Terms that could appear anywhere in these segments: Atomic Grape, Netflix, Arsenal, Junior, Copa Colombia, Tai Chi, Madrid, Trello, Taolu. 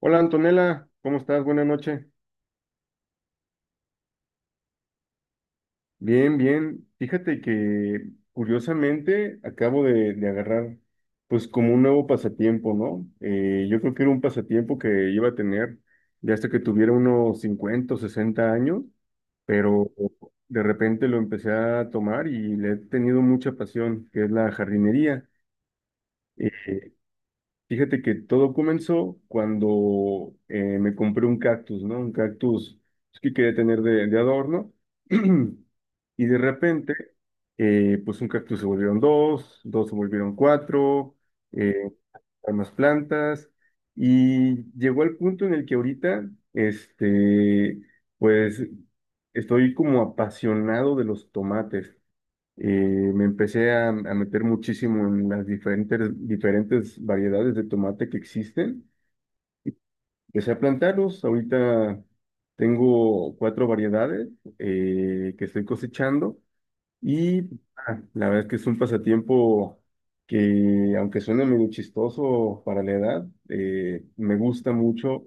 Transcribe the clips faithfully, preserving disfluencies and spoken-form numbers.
Hola Antonella, ¿cómo estás? Buenas noches. Bien, bien. Fíjate que curiosamente acabo de, de agarrar pues como un nuevo pasatiempo, ¿no? Eh, yo creo que era un pasatiempo que iba a tener ya hasta que tuviera unos cincuenta o sesenta años, pero de repente lo empecé a tomar y le he tenido mucha pasión, que es la jardinería. Eh, Fíjate que todo comenzó cuando eh, me compré un cactus, ¿no? Un cactus pues, que quería tener de, de adorno. Y de repente, eh, pues un cactus se volvieron dos, dos se volvieron cuatro, eh, hay más plantas. Y llegó al punto en el que ahorita, este, pues estoy como apasionado de los tomates. Eh, Me empecé a, a meter muchísimo en las diferentes, diferentes variedades de tomate que existen. Empecé a plantarlos. Ahorita tengo cuatro variedades eh, que estoy cosechando y ah, la verdad es que es un pasatiempo que, aunque suene medio chistoso para la edad, eh, me gusta mucho,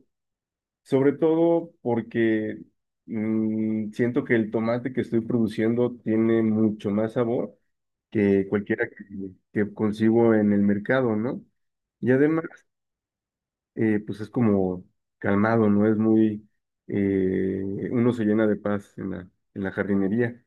sobre todo porque mm, siento que el tomate que estoy produciendo tiene mucho más sabor que cualquiera que, que consigo en el mercado, ¿no? Y además, eh, pues es como calmado, ¿no? Es muy, eh, uno se llena de paz en la, en la jardinería.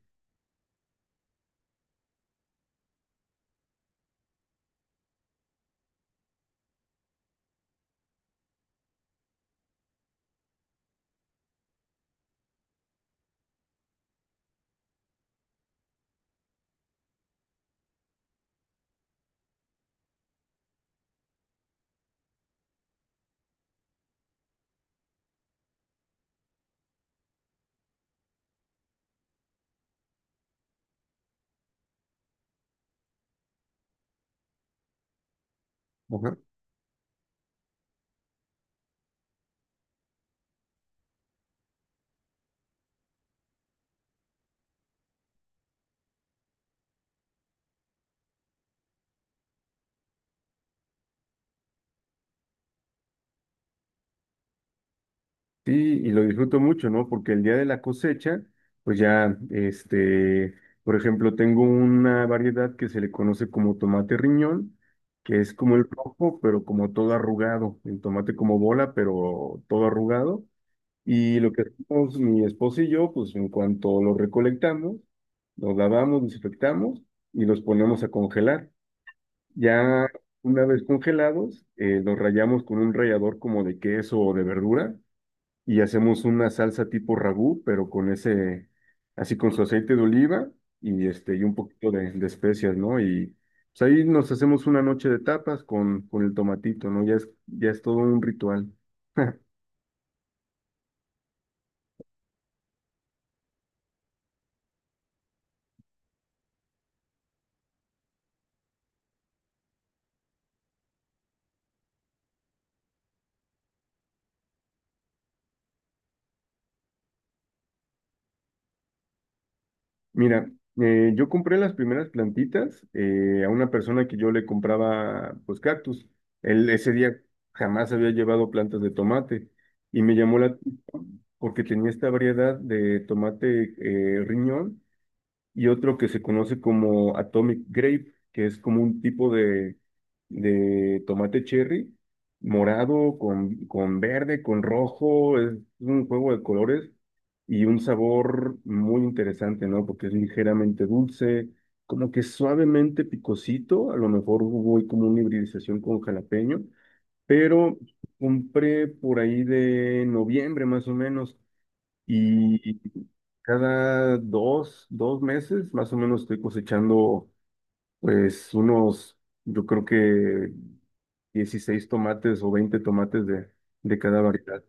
Ajá. Sí, y lo disfruto mucho, ¿no? Porque el día de la cosecha, pues ya, este, por ejemplo, tengo una variedad que se le conoce como tomate riñón, que es como el rojo, pero como todo arrugado, el tomate como bola, pero todo arrugado. Y lo que hacemos mi esposo y yo, pues en cuanto los recolectamos, los lavamos, desinfectamos y los ponemos a congelar. Ya una vez congelados, eh, los rallamos con un rallador como de queso o de verdura y hacemos una salsa tipo ragú, pero con ese, así con su aceite de oliva y, este, y un poquito de, de especias, ¿no? Y pues ahí nos hacemos una noche de tapas con, con el tomatito, ¿no? Ya es, ya es todo un ritual. Mira, eh, yo compré las primeras plantitas eh, a una persona que yo le compraba pues cactus. Él ese día jamás había llevado plantas de tomate y me llamó la atención porque tenía esta variedad de tomate eh, riñón y otro que se conoce como Atomic Grape, que es como un tipo de, de tomate cherry, morado con, con verde, con rojo, es un juego de colores y un sabor muy interesante, ¿no? Porque es ligeramente dulce, como que suavemente picosito, a lo mejor hubo como una hibridización con jalapeño, pero compré por ahí de noviembre más o menos y cada dos, dos meses más o menos estoy cosechando pues unos, yo creo que dieciséis tomates o veinte tomates de, de cada variedad.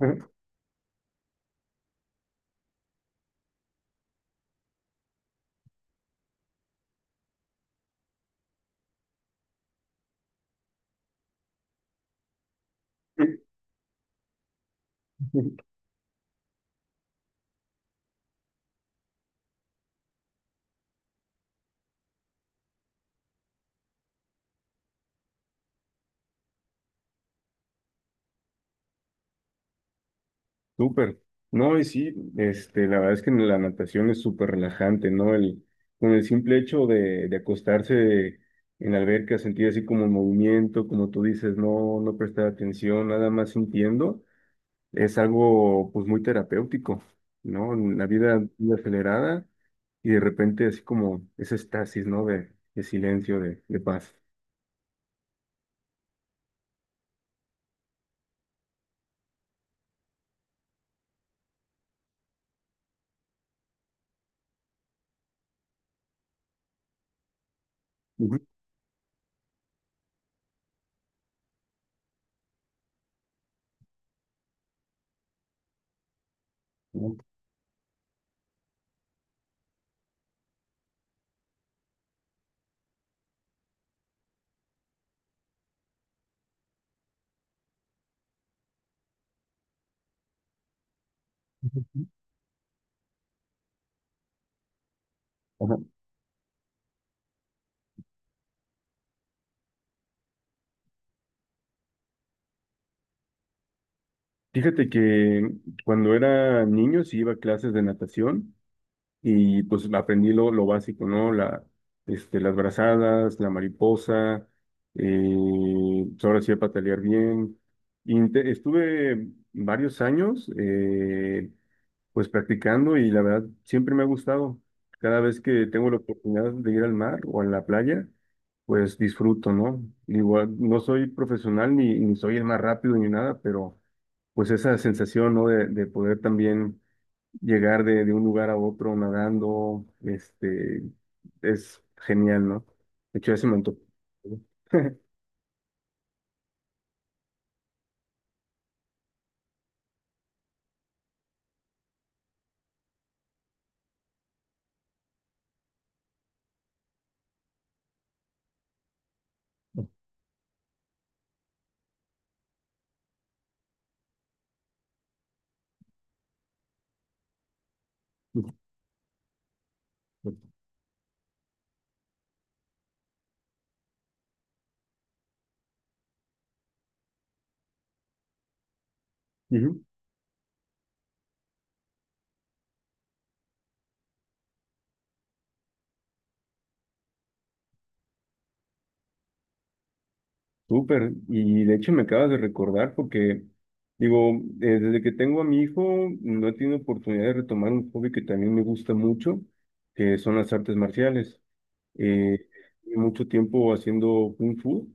Ajá. Súper. No, y sí, este, la verdad es que la natación es súper relajante, ¿no? El, con el simple hecho de, de acostarse en la alberca, sentir así como movimiento, como tú dices, no, no prestar atención, nada más sintiendo, es algo pues muy terapéutico, ¿no? La vida muy acelerada y de repente así como ese estasis, ¿no? De, de silencio, de, de paz. Ujú. Ajá. Fíjate que cuando era niño sí iba a clases de natación y pues aprendí lo, lo básico, ¿no? La, este, las brazadas, la mariposa, eh, pues, ahora sí a patalear bien. Inte- estuve varios años, eh, Pues practicando y la verdad siempre me ha gustado. Cada vez que tengo la oportunidad de ir al mar o a la playa, pues disfruto, ¿no? Igual no soy profesional ni, ni soy el más rápido ni nada, pero pues esa sensación, ¿no? De, de poder también llegar de, de un lugar a otro nadando, este, es genial, ¿no? De hecho, ya se me antojó. Ujú. Súper, y de hecho me acabas de recordar porque, digo, eh, desde que tengo a mi hijo, no he tenido oportunidad de retomar un hobby que también me gusta mucho, que son las artes marciales. Eh, Llevo mucho tiempo haciendo kung fu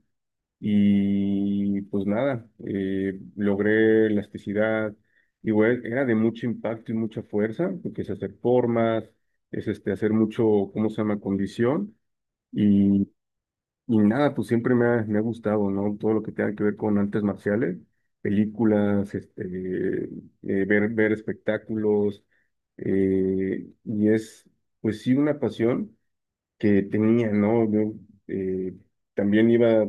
y pues nada, eh, logré elasticidad, igual era de mucho impacto y mucha fuerza, porque es hacer formas, es este, hacer mucho, ¿cómo se llama?, condición. y y nada, pues siempre me ha, me ha gustado, ¿no? Todo lo que tenga que ver con artes marciales, películas, este, eh, ver, ver espectáculos, eh, y es, pues sí, una pasión que tenía, ¿no? Yo eh, también iba,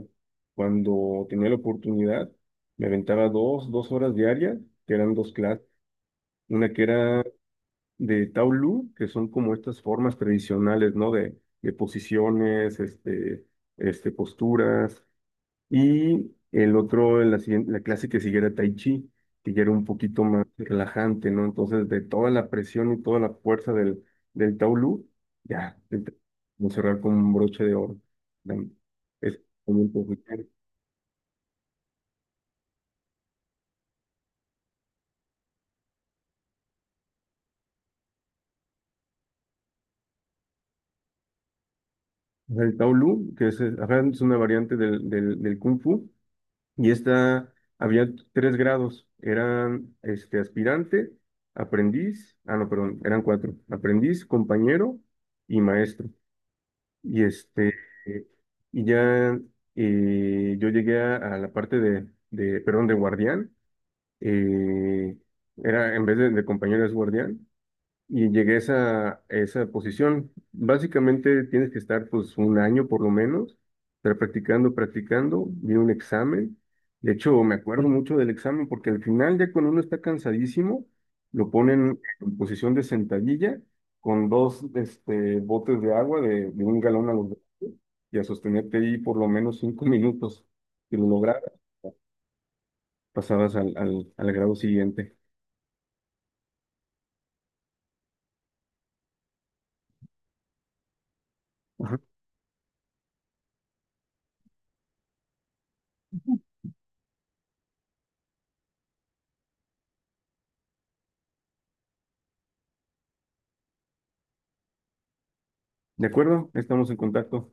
cuando tenía la oportunidad, me aventaba dos, dos horas diarias, que eran dos clases, una que era de Taolu, que son como estas formas tradicionales, ¿no? De, de posiciones, este, este, posturas y el otro, la, siguien- la clase que siguiera Tai Chi, que ya era un poquito más relajante, ¿no? Entonces, de toda la presión y toda la fuerza del, del Taolu ya, vamos a cerrar con un broche de oro. Dam- Es también profesional. O sea, el Taolu que es, eh, ajá, es una variante del, del, del Kung Fu, y esta, había tres grados, eran este, aspirante, aprendiz, ah, no, perdón, eran cuatro, aprendiz, compañero y maestro. Y este, eh, y ya eh, yo llegué a, a la parte de, de, perdón, de guardián. eh, era, en vez de, de compañero es guardián. Y llegué a esa, esa posición. Básicamente tienes que estar pues un año por lo menos, estar practicando, practicando, vi un examen. De hecho, me acuerdo mucho del examen porque al final ya cuando uno está cansadísimo, lo ponen en posición de sentadilla con dos este, botes de agua de, de un galón a los dos y a sostenerte ahí por lo menos cinco minutos. Si lo lograbas, pasabas al, al, al grado siguiente. Ajá. ¿De acuerdo? Estamos en contacto.